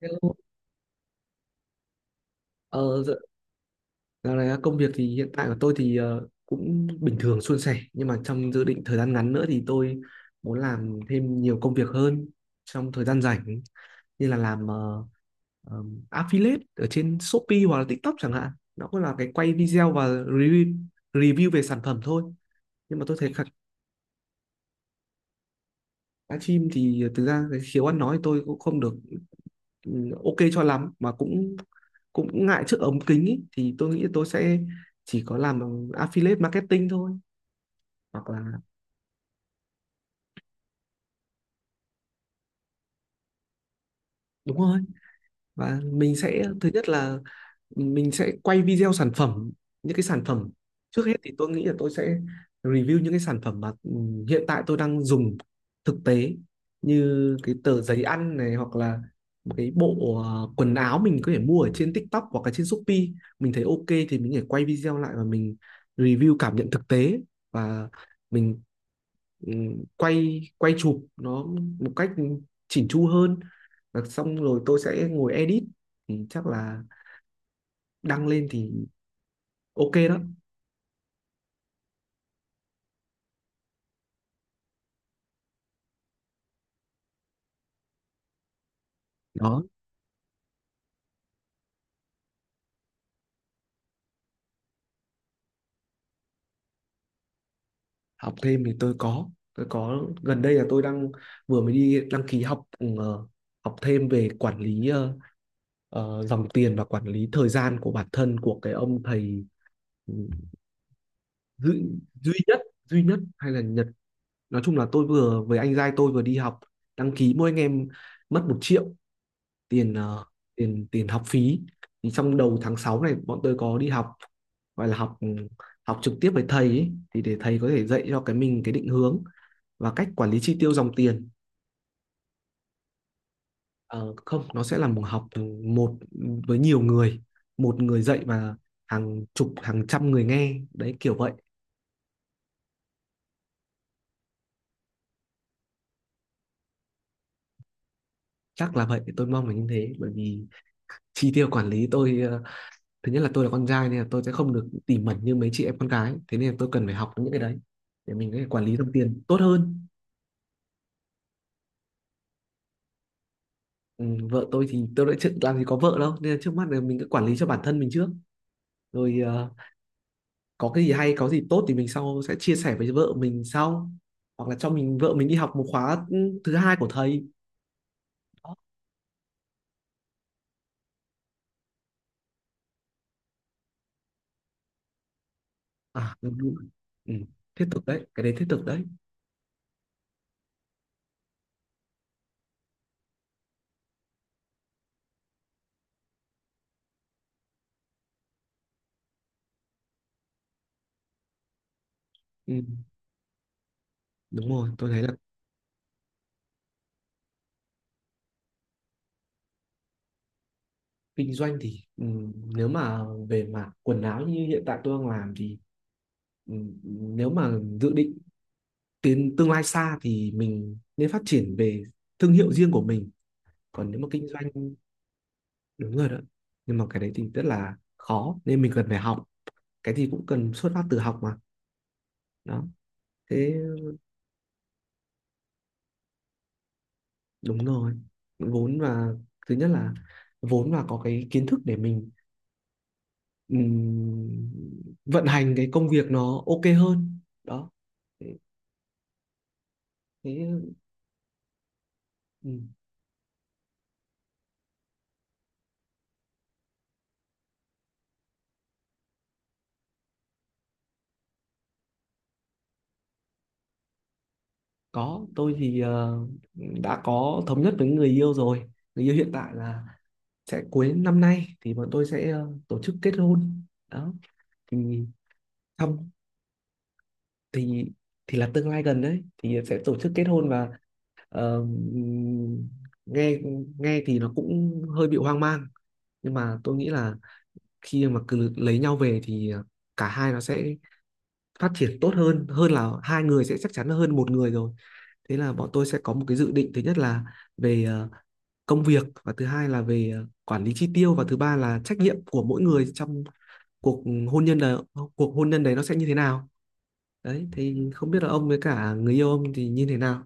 Hello. Ờ, dạ- Dạo này công việc thì hiện tại của tôi thì cũng bình thường suôn sẻ, nhưng mà trong dự định thời gian ngắn nữa thì tôi muốn làm thêm nhiều công việc hơn trong thời gian rảnh, như là làm ờ, affiliate ở trên Shopee hoặc là TikTok chẳng hạn. Nó cũng là cái quay video và review về sản phẩm thôi, nhưng mà tôi thấy livestream thì thực ra cái khiếu ăn nói tôi cũng không được ok cho lắm, mà cũng cũng ngại trước ống kính ý, thì tôi nghĩ tôi sẽ chỉ có làm affiliate marketing thôi, hoặc là đúng rồi. Và mình sẽ thứ nhất là mình sẽ quay video sản phẩm, những cái sản phẩm. Trước hết thì tôi nghĩ là tôi sẽ review những cái sản phẩm mà hiện tại tôi đang dùng thực tế, như cái tờ giấy ăn này, hoặc là một cái bộ quần áo mình có thể mua ở trên TikTok hoặc là trên Shopee, mình thấy ok thì mình có thể quay video lại và mình review cảm nhận thực tế. Và mình ừ, quay quay chụp nó một cách chỉn chu hơn, và xong rồi tôi sẽ ngồi edit, thì chắc là đăng lên thì ok đó. Đó, học thêm thì tôi có gần đây là tôi đang vừa mới đi đăng ký học học thêm về quản lý dòng tiền và quản lý thời gian của bản thân, của cái ông thầy ừ, duy, duy nhất hay là Nhật. Nói chung là tôi vừa với anh giai tôi vừa đi học đăng ký, mỗi anh em mất 1 triệu tiền tiền tiền học phí. Thì trong đầu tháng 6 này bọn tôi có đi học, gọi là học học trực tiếp với thầy ấy, thì để thầy có thể dạy cho cái mình cái định hướng và cách quản lý chi tiêu dòng tiền. Ờ, Không, nó sẽ là một học một với nhiều người, một người dạy và hàng chục hàng trăm người nghe đấy, kiểu vậy. Chắc là vậy, tôi mong là như thế, bởi vì chi tiêu quản lý tôi thứ nhất là tôi là con trai nên là tôi sẽ không được tỉ mẩn như mấy chị em con gái, thế nên là tôi cần phải học những cái đấy để mình có thể quản lý dòng tiền tốt hơn. ừ, Vợ tôi thì tôi đã chưa làm gì có vợ đâu, nên là trước mắt là mình cứ quản lý cho bản thân mình trước, rồi có cái gì hay có gì tốt thì mình sau sẽ chia sẻ với vợ mình sau, hoặc là cho mình vợ mình đi học một khóa thứ hai của thầy. Đó. À, đúng rồi. Ừ. Thiết thực đấy, cái đấy thiết thực đấy. Ừ. Đúng rồi, tôi thấy là kinh doanh thì nếu mà về mặt quần áo như hiện tại tôi đang làm thì, nếu mà dự định tiến tương lai xa thì mình nên phát triển về thương hiệu riêng của mình, còn nếu mà kinh doanh đúng rồi đó. Nhưng mà cái đấy thì rất là khó nên mình cần phải học, cái gì cũng cần xuất phát từ học mà. Đó. Thế, đúng rồi, vốn và thứ nhất là vốn và có cái kiến thức để mình ừm, vận hành cái công việc nó ok hơn đó. Thế, thế. Ừ. Có, tôi thì đã có thống nhất với người yêu rồi, người yêu hiện tại là sẽ cuối năm nay thì bọn tôi sẽ tổ chức kết hôn đó. Thì xong thì thì là tương lai gần đấy thì sẽ tổ chức kết hôn và ờ, nghe nghe thì nó cũng hơi bị hoang mang, nhưng mà tôi nghĩ là khi mà cứ lấy nhau về thì cả hai nó sẽ phát triển tốt hơn, hơn là hai người sẽ chắc chắn hơn một người rồi. Thế là bọn tôi sẽ có một cái dự định, thứ nhất là về công việc, và thứ hai là về quản lý chi tiêu, và thứ ba là trách nhiệm của mỗi người trong cuộc hôn nhân, là cuộc hôn nhân đấy nó sẽ như thế nào. Đấy, thì không biết là ông với cả người yêu ông thì như thế nào.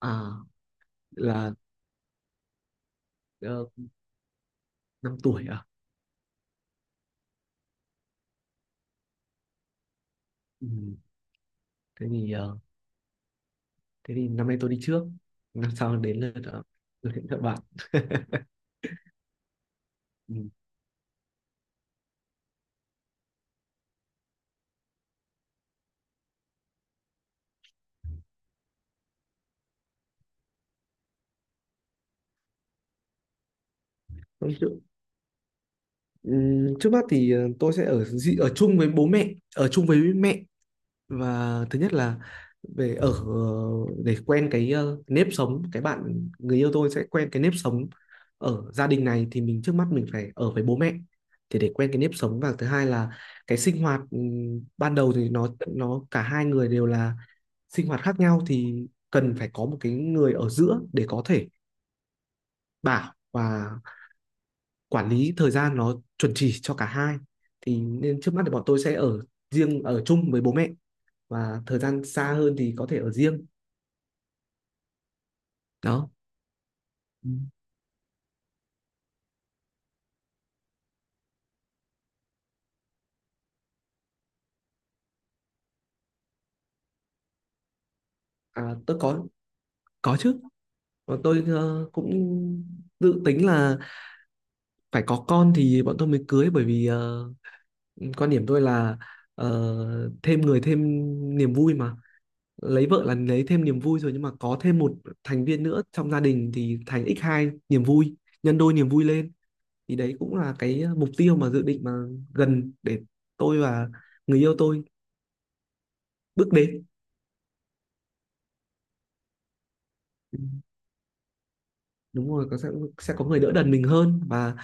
À, là uh, 5 tuổi à? Ừ. Thế thì thế thì năm nay tôi đi trước, năm sau đến lượt các bạn. Ừ. Thôi chứ- ừ, Trước mắt thì tôi sẽ ở ở chung với bố mẹ, ở chung với mẹ. Và thứ nhất là về ở, để quen cái nếp sống, cái bạn người yêu tôi sẽ quen cái nếp sống ở gia đình này, thì mình trước mắt mình phải ở với bố mẹ, thì để quen cái nếp sống. Và thứ hai là cái sinh hoạt ban đầu thì nó cả hai người đều là sinh hoạt khác nhau, thì cần phải có một cái người ở giữa để có thể bảo và quản lý thời gian nó chuẩn chỉ cho cả hai, thì nên trước mắt thì bọn tôi sẽ ở riêng, ở chung với bố mẹ, và thời gian xa hơn thì có thể ở riêng. Đó. Ừ. À, tôi có chứ. Bọn tôi cũng dự tính là phải có con thì bọn tôi mới cưới, bởi vì quan điểm tôi là thêm người thêm niềm vui mà. Lấy vợ là lấy thêm niềm vui rồi, nhưng mà có thêm một thành viên nữa trong gia đình thì thành x hai niềm vui, nhân đôi niềm vui lên. Thì đấy cũng là cái mục tiêu mà dự định mà gần để tôi và người yêu tôi bước đến. Ừ, đúng rồi, có, sẽ có người đỡ đần mình hơn, và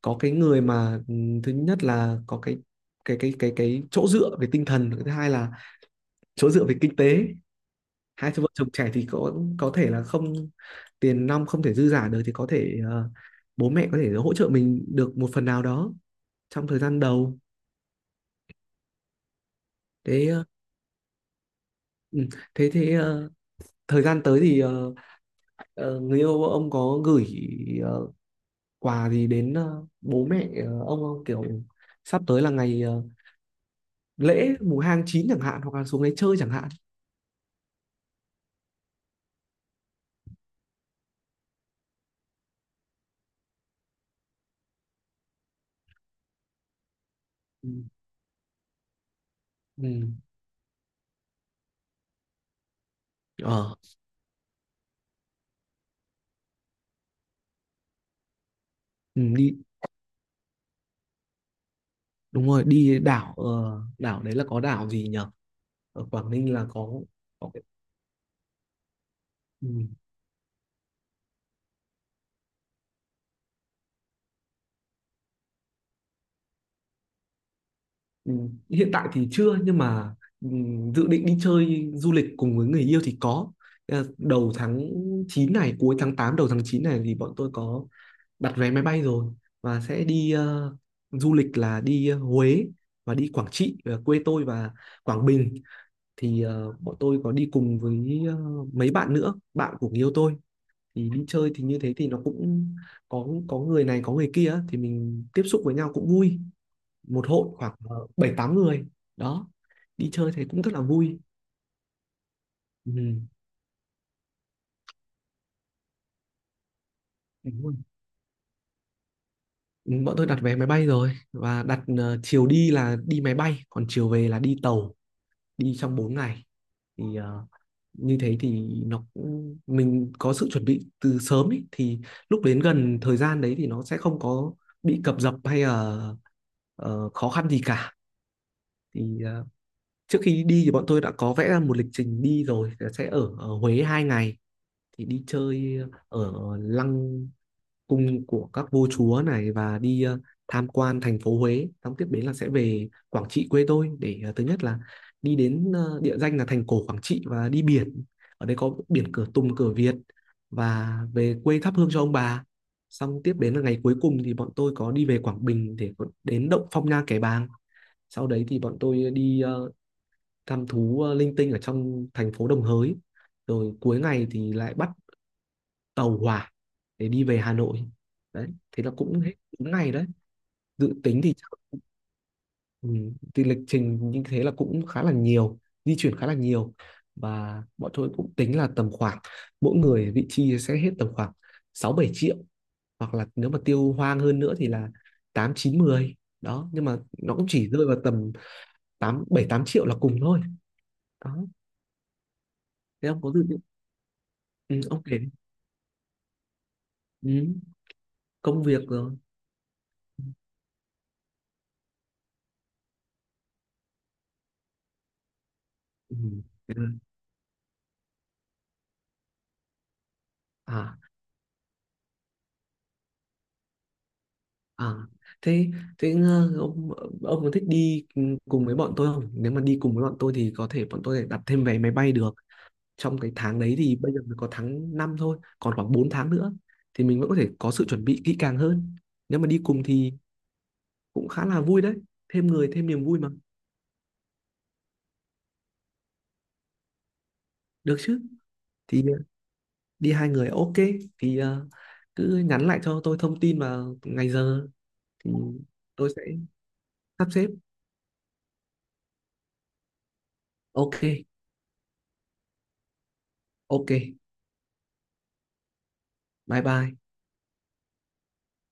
có cái người mà thứ nhất là có cái chỗ dựa về tinh thần, thứ hai là chỗ dựa về kinh tế. Hai vợ chồng trẻ thì có thể là không, tiền nong không thể dư giả được, thì có thể bố mẹ có thể hỗ trợ mình được một phần nào đó trong thời gian đầu. Thế ờ, ừ, thế thế ờ, Thời gian tới thì người yêu ông có gửi ờ, quà gì đến bố mẹ ông không, kiểu sắp tới là ngày lễ mùng 2 tháng 9 chẳng hạn, hoặc là xuống đấy chơi chẳng hạn. Ừ. Ừ. Ờ, ừ, đi đúng rồi, đi đảo đấy là có đảo gì nhở, ở Quảng Ninh là có cái-. Ừ. Ừ, hiện tại thì chưa, nhưng mà ừ, dự định đi chơi du lịch cùng với người yêu thì có. Ờ, đầu tháng 9 này, cuối tháng 8 đầu tháng 9 này thì bọn tôi có đặt vé máy bay rồi, và sẽ đi du lịch là đi Huế và đi Quảng Trị quê tôi, và Quảng Bình. Thì bọn tôi có đi cùng với mấy bạn nữa, bạn của người yêu tôi, thì đi chơi thì như thế thì nó cũng có người này có người kia á, thì mình tiếp xúc với nhau cũng vui. Một hội khoảng bảy tám người đó, đi chơi thấy cũng rất là vui. Ừ. Đúng rồi. Ừ, bọn tôi đặt vé máy bay rồi, và đặt chiều đi là đi máy bay còn chiều về là đi tàu, đi trong 4 ngày. Thì như thế thì nó cũng- mình có sự chuẩn bị từ sớm ý, thì lúc đến gần thời gian đấy thì nó sẽ không có bị cập dập hay là khó khăn gì cả. Thì trước khi đi thì bọn tôi đã có vẽ ra một lịch trình đi rồi, sẽ ở Huế 2 ngày thì đi chơi ở lăng cung của các vua chúa này, và đi tham quan thành phố Huế, xong tiếp đến là sẽ về Quảng Trị quê tôi để thứ nhất là đi đến địa danh là thành cổ Quảng Trị và đi biển, ở đây có biển cửa Tùng cửa Việt, và về quê thắp hương cho ông bà. Xong tiếp đến là ngày cuối cùng thì bọn tôi có đi về Quảng Bình để đến động Phong Nha Kẻ Bàng, sau đấy thì bọn tôi đi thăm thú linh tinh ở trong thành phố Đồng Hới, rồi cuối ngày thì lại bắt tàu hỏa để đi về Hà Nội. Đấy, thế là cũng hết đúng ngày đấy. Dự tính thì chắc- ừ, thì lịch trình như thế là cũng khá là nhiều, di chuyển khá là nhiều, và bọn tôi cũng tính là tầm khoảng mỗi người vị chi sẽ hết tầm khoảng 6 7 triệu, hoặc là nếu mà tiêu hoang hơn nữa thì là 8 9 mười. Đó, nhưng mà nó cũng chỉ rơi vào tầm 8 7 8 triệu là cùng thôi. Đó. Thế ông có dự định ừ, ông kể đi. Ừ, công việc rồi. Ừ. Ừ. À. À, thế thế ờ, ông có thích đi cùng với bọn tôi không? Nếu mà đi cùng với bọn tôi thì có thể bọn tôi đặt thêm vé máy bay được. Trong cái tháng đấy thì bây giờ mới có tháng 5 thôi, còn khoảng 4 tháng nữa thì mình vẫn có thể có sự chuẩn bị kỹ càng hơn. Nếu mà đi cùng thì cũng khá là vui đấy, thêm người thêm niềm vui mà. Được chứ? Thì đi hai người ok, thì cứ nhắn lại cho tôi thông tin và ngày giờ thì tôi sẽ sắp xếp. Ok, ok. Bye bye.